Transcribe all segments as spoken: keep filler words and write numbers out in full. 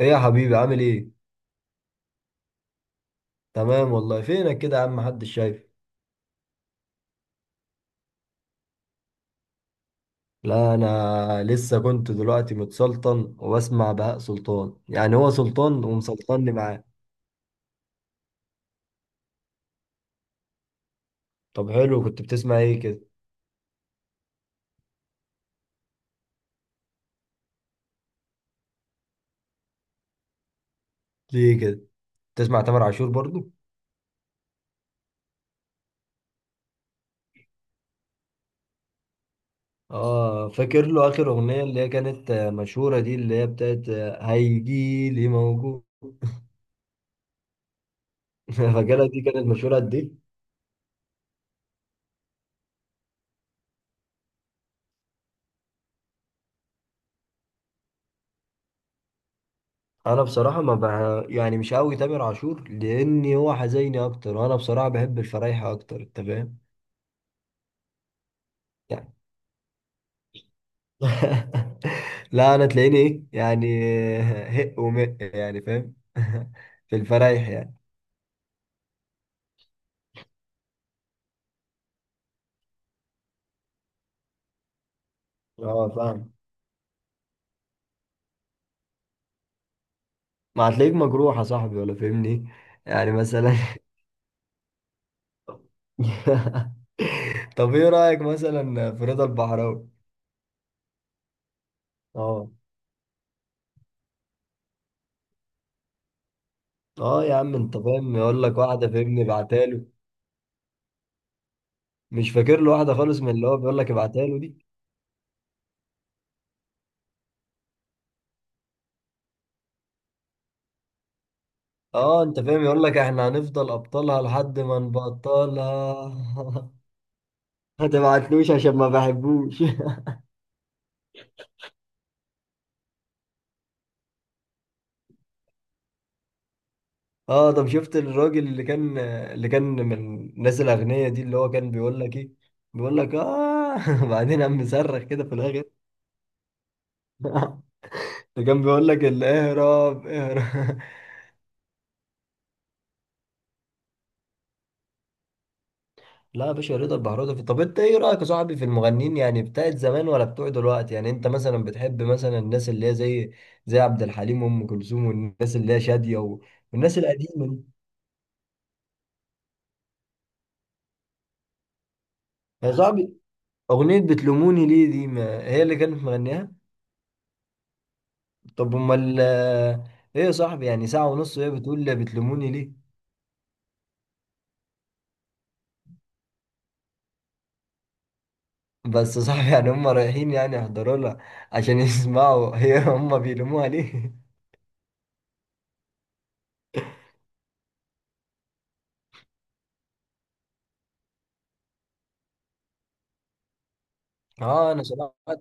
ايه يا حبيبي، عامل ايه؟ تمام والله. فينك كده يا عم؟ محدش شايف. لا، انا لسه كنت دلوقتي متسلطن وبسمع بهاء سلطان، يعني هو سلطان ومسلطني معاه. طب حلو، كنت بتسمع ايه كده؟ ليه كده؟ بتسمع تامر عاشور برضو؟ اه، فاكر له اخر اغنية اللي هي كانت آه، مشهورة، دي اللي هي بتاعت آه، هيجيلي موجود. فاكرها، دي كانت مشهورة قد ايه؟ انا بصراحه ما بع... يعني مش قوي تامر عاشور، لاني هو حزيني اكتر، وانا بصراحه بحب الفرايحه اكتر، انت فاهم. لا، انا تلاقيني ايه يعني، هق ومق، يعني فاهم. في الفرايح يعني. اه فاهم. ما هتلاقيك مجروح يا صاحبي ولا فاهمني، يعني مثلا. طب ايه رايك مثلا في رضا البحراوي؟ اه. اه يا عم، انت فاهم، يقول لك واحده فاهمني، ابعتها له. مش فاكر له واحده خالص من اللي هو بيقول لك ابعتها له دي. اه، انت فاهم، يقول لك احنا هنفضل ابطالها لحد ما نبطلها. ما تبعتلوش عشان ما بحبوش. اه، طب شفت الراجل اللي كان اللي كان من الناس الاغنياء دي، اللي هو كان بيقول لك ايه؟ بيقول لك اه، بعدين قام مصرخ كده في الاخر. اللي كان بيقول لك ال- اهرب، اهرب. لا يا باشا، رضا البحراوي. طب انت ايه رايك يا صاحبي في المغنيين، يعني بتاعت زمان ولا بتوع دلوقتي، يعني انت مثلا بتحب مثلا الناس اللي هي زي زي عبد الحليم وام كلثوم والناس اللي هي شاديه و- والناس القديمه دي؟ يا صاحبي، اغنيه بتلوموني ليه دي، ما هي اللي كانت مغنيها. طب امال آه، ايه يا صاحبي، يعني ساعة ونص وهي بتقول لي بتلوموني ليه. بس يا صاحبي، يعني هم رايحين يعني يحضروا لها عشان يسمعوا هي، هم بيلوموها ليه؟ اه، انا سمعت.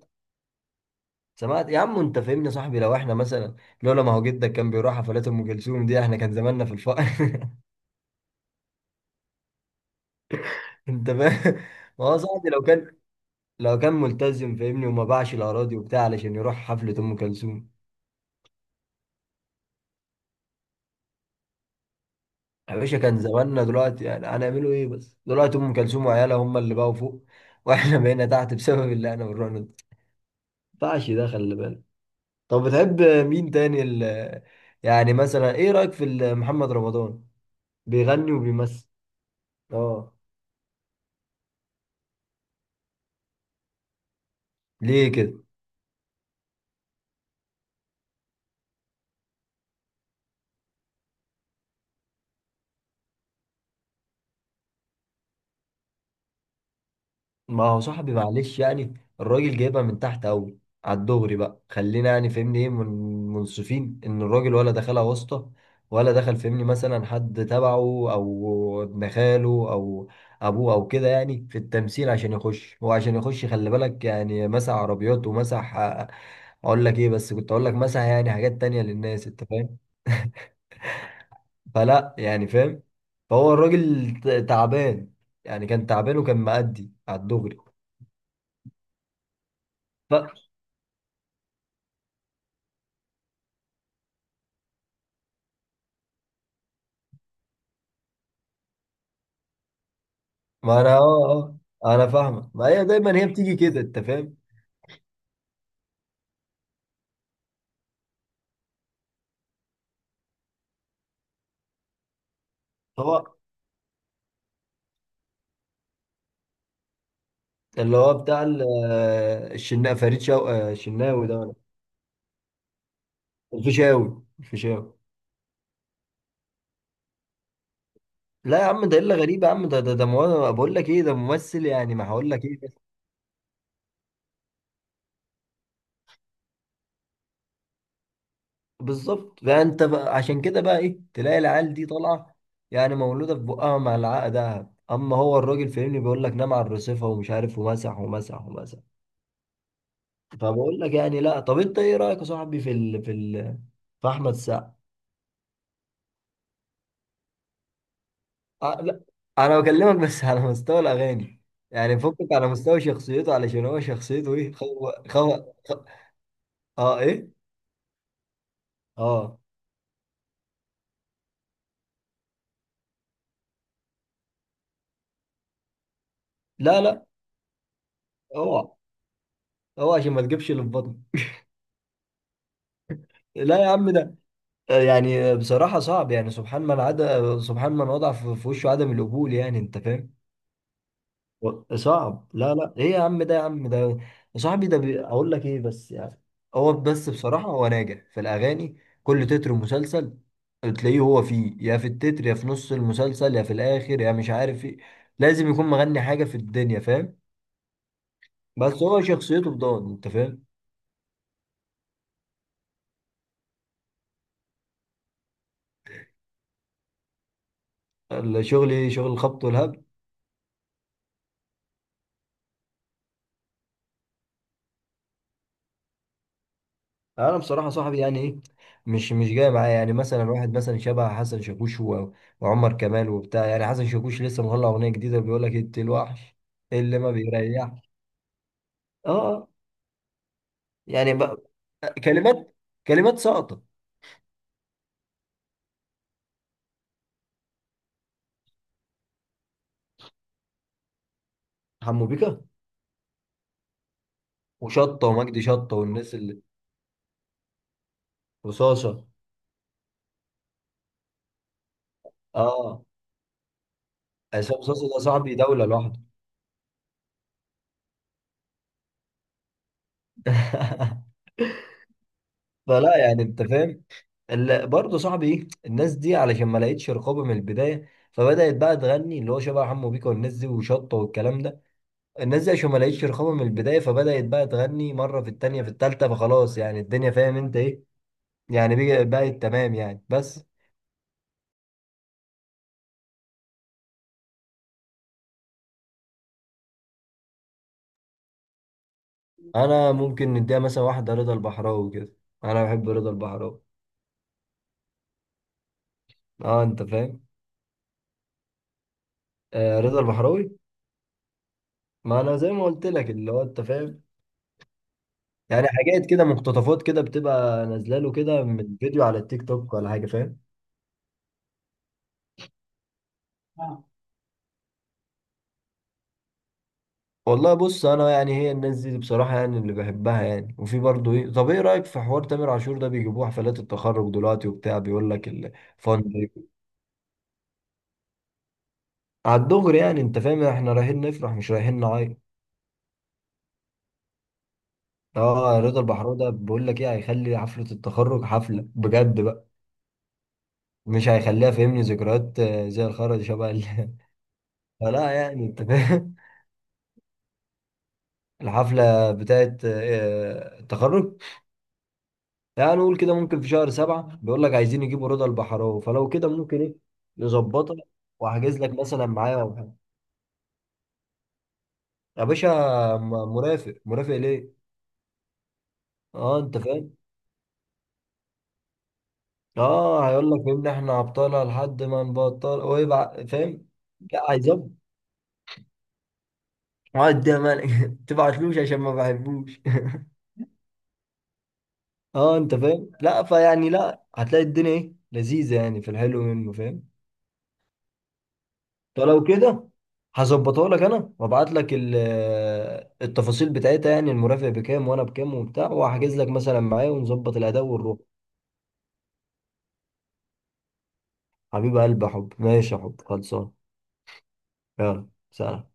سمعت يا عم، انت فاهمني يا صاحبي، لو احنا مثلا لولا ما هو جدك كان بيروح حفلات ام كلثوم دي، احنا كان زماننا في الفقر. انت فاهم، ما هو صاحبي لو كان، لو كان ملتزم فاهمني، وما باعش الاراضي وبتاع علشان يروح حفلة ام كلثوم، يا باشا كان زماننا دلوقتي. يعني هنعملوا ايه بس دلوقتي؟ ام كلثوم وعيالها هم اللي بقوا فوق، واحنا بقينا تحت بسبب اللي احنا بنروح ند- ما ينفعش ده، خلي بالك. طب بتحب مين تاني ال... يعني مثلا ايه رايك في ال- محمد رمضان؟ بيغني وبيمثل. اه. ليه كده؟ ما هو صاحبي معلش، يعني الراجل جايبها من تحت قوي. على الدغري بقى، خلينا يعني فهمني ايه من منصفين ان الراجل، ولا دخلها واسطة، ولا دخل فهمني مثلا حد تبعه، او ابن خاله، او ابوه، او كده، يعني في التمثيل عشان يخش. هو عشان يخش، خلي بالك، يعني مسح عربيات ومسح آه، اقول لك ايه بس، كنت اقول لك مسح يعني حاجات تانية للناس، انت فاهم. فلا يعني فاهم. فهو الراجل ت- تعبان، يعني كان تعبان وكان مأدي على الدغري. ما انا اه، اه انا فاهمك، ما هي دايما هي بتيجي كده، انت فاهم. هو اللي هو بتاع ال- آه، الشنا فريد شو... آه، الشناوي ده ولا- الفيشاوي، الفيشاوي. لا يا عم، ده الا غريب، يا عم ده ده ده مو... بقول لك ايه، ده ممثل يعني ما هقول لك ايه بس. بالظبط، فانت بقى عشان كده بقى ايه تلاقي العيال دي طالعه، يعني مولوده في بقها مع العقد دهب، اما هو الراجل فاهمني بيقول لك نام على الرصيفه ومش عارف، ومسح ومسح ومسح. فبقول لك يعني لا، طب انت ايه رايك يا صاحبي في ال... في ال... في احمد السقا؟ آه لا، انا بكلمك بس على مستوى الاغاني، يعني فكك على مستوى شخصيته، علشان هو شخصيته ايه، خو خو خو. اه ايه. اه. لا لا، اوعى، اوعى عشان ما تجيبش اللي في بطنك. لا يا عم، ده آه، يعني آه، بصراحة صعب، يعني سبحان من عدا، سبحان من وضع في في وشه عدم القبول، يعني انت فاهم. و- صعب، لا لا، ايه يا عم ده، يا عم ده، يا صاحبي ده بي... اقول لك ايه بس يعني. هو بس بصراحة هو ناجح في الاغاني. كل تتر مسلسل تلاقيه هو فيه، يا في التتر، يا في نص المسلسل، يا في الاخر، يا مش عارف ايه. لازم يكون مغني حاجه في الدنيا، فاهم. بس هو شخصيته بضان، انت فاهم. الشغل ايه؟ شغل الخبط والهبد. انا بصراحه صاحبي يعني ايه، مش مش جاي معايا، يعني مثلا واحد مثلا شبه حسن شاكوش و- وعمر كمال وبتاع، يعني حسن شاكوش لسه مطلع اغنيه جديده، بيقول لك انت الوحش اللي ما بيريحش. اه. آه. يعني بقى كلمات كلمات ساقطه. حمو بيكا وشطه ومجدي شطه والناس اللي رصاصه. اه، عصام صاصا ده صاحبي دولة لوحده. فلا يعني انت فاهم. ال- برضه صاحبي ايه الناس دي، علشان ما لقيتش رقابة من البداية، فبدأت بقى تغني اللي هو شبه حمو بيكا والناس دي وشطة والكلام ده. الناس دي عشان ما لقيتش رقابة من البداية، فبدأت بقى تغني مرة في التانية في التالتة، فخلاص يعني الدنيا فاهم انت ايه يعني، بقى- بقت تمام يعني، بس. انا ممكن نديها مثلا واحدة رضا البحراوي كده، انا بحب رضا البحراوي. اه انت فاهم. آه، رضا البحراوي. ما انا زي ما قلت لك، اللي هو انت فاهم، يعني حاجات كده مقتطفات كده بتبقى نازله له كده من فيديو على التيك توك ولا حاجه، فاهم. آه. والله بص، انا يعني هي الناس دي بصراحه، يعني اللي بحبها يعني، وفي برضه ايه. طب ايه رايك في حوار تامر عاشور ده بيجيبوه حفلات التخرج دلوقتي وبتاع، بيقول لك الفان. على الدغري يعني، انت فاهم، احنا رايحين نفرح، مش رايحين نعيط. اه، رضا البحراوي ده بيقول لك ايه، هيخلي حفله التخرج حفله بجد بقى، مش هيخليها فهمني ذكريات آه، زي الخرا شبه ال- فلا يعني انت فاهم. الحفلة بتاعت آه، التخرج، يعني نقول كده ممكن في شهر سبعة، بيقول لك عايزين يجيبوا رضا البحراوي، فلو كده ممكن ايه نظبطها، وأحجز لك مثلا معايا أو حاجة. يا باشا، م- مرافق، مرافق ليه؟ اه انت فاهم؟ اه، هيقول لك ان احنا عبطالة لحد ما نبطل، ويبقى فاهم؟ لا هيظبط. اقعد ده مالك. تبعتلوش عشان ما بحبوش. اه انت فاهم؟ لا فيعني، لا هتلاقي الدنيا ايه لذيذة، يعني في الحلو منه، فاهم؟ فلو كده، هظبطها لك انا، وابعت لك ال- التفاصيل بتاعتها، يعني المرافق بكام وانا بكام وبتاع، وهحجز لك مثلا معايا ونظبط الاداء والروح. حبيب قلبي يا حب، ماشي يا حب، خلصان. يلا سلام.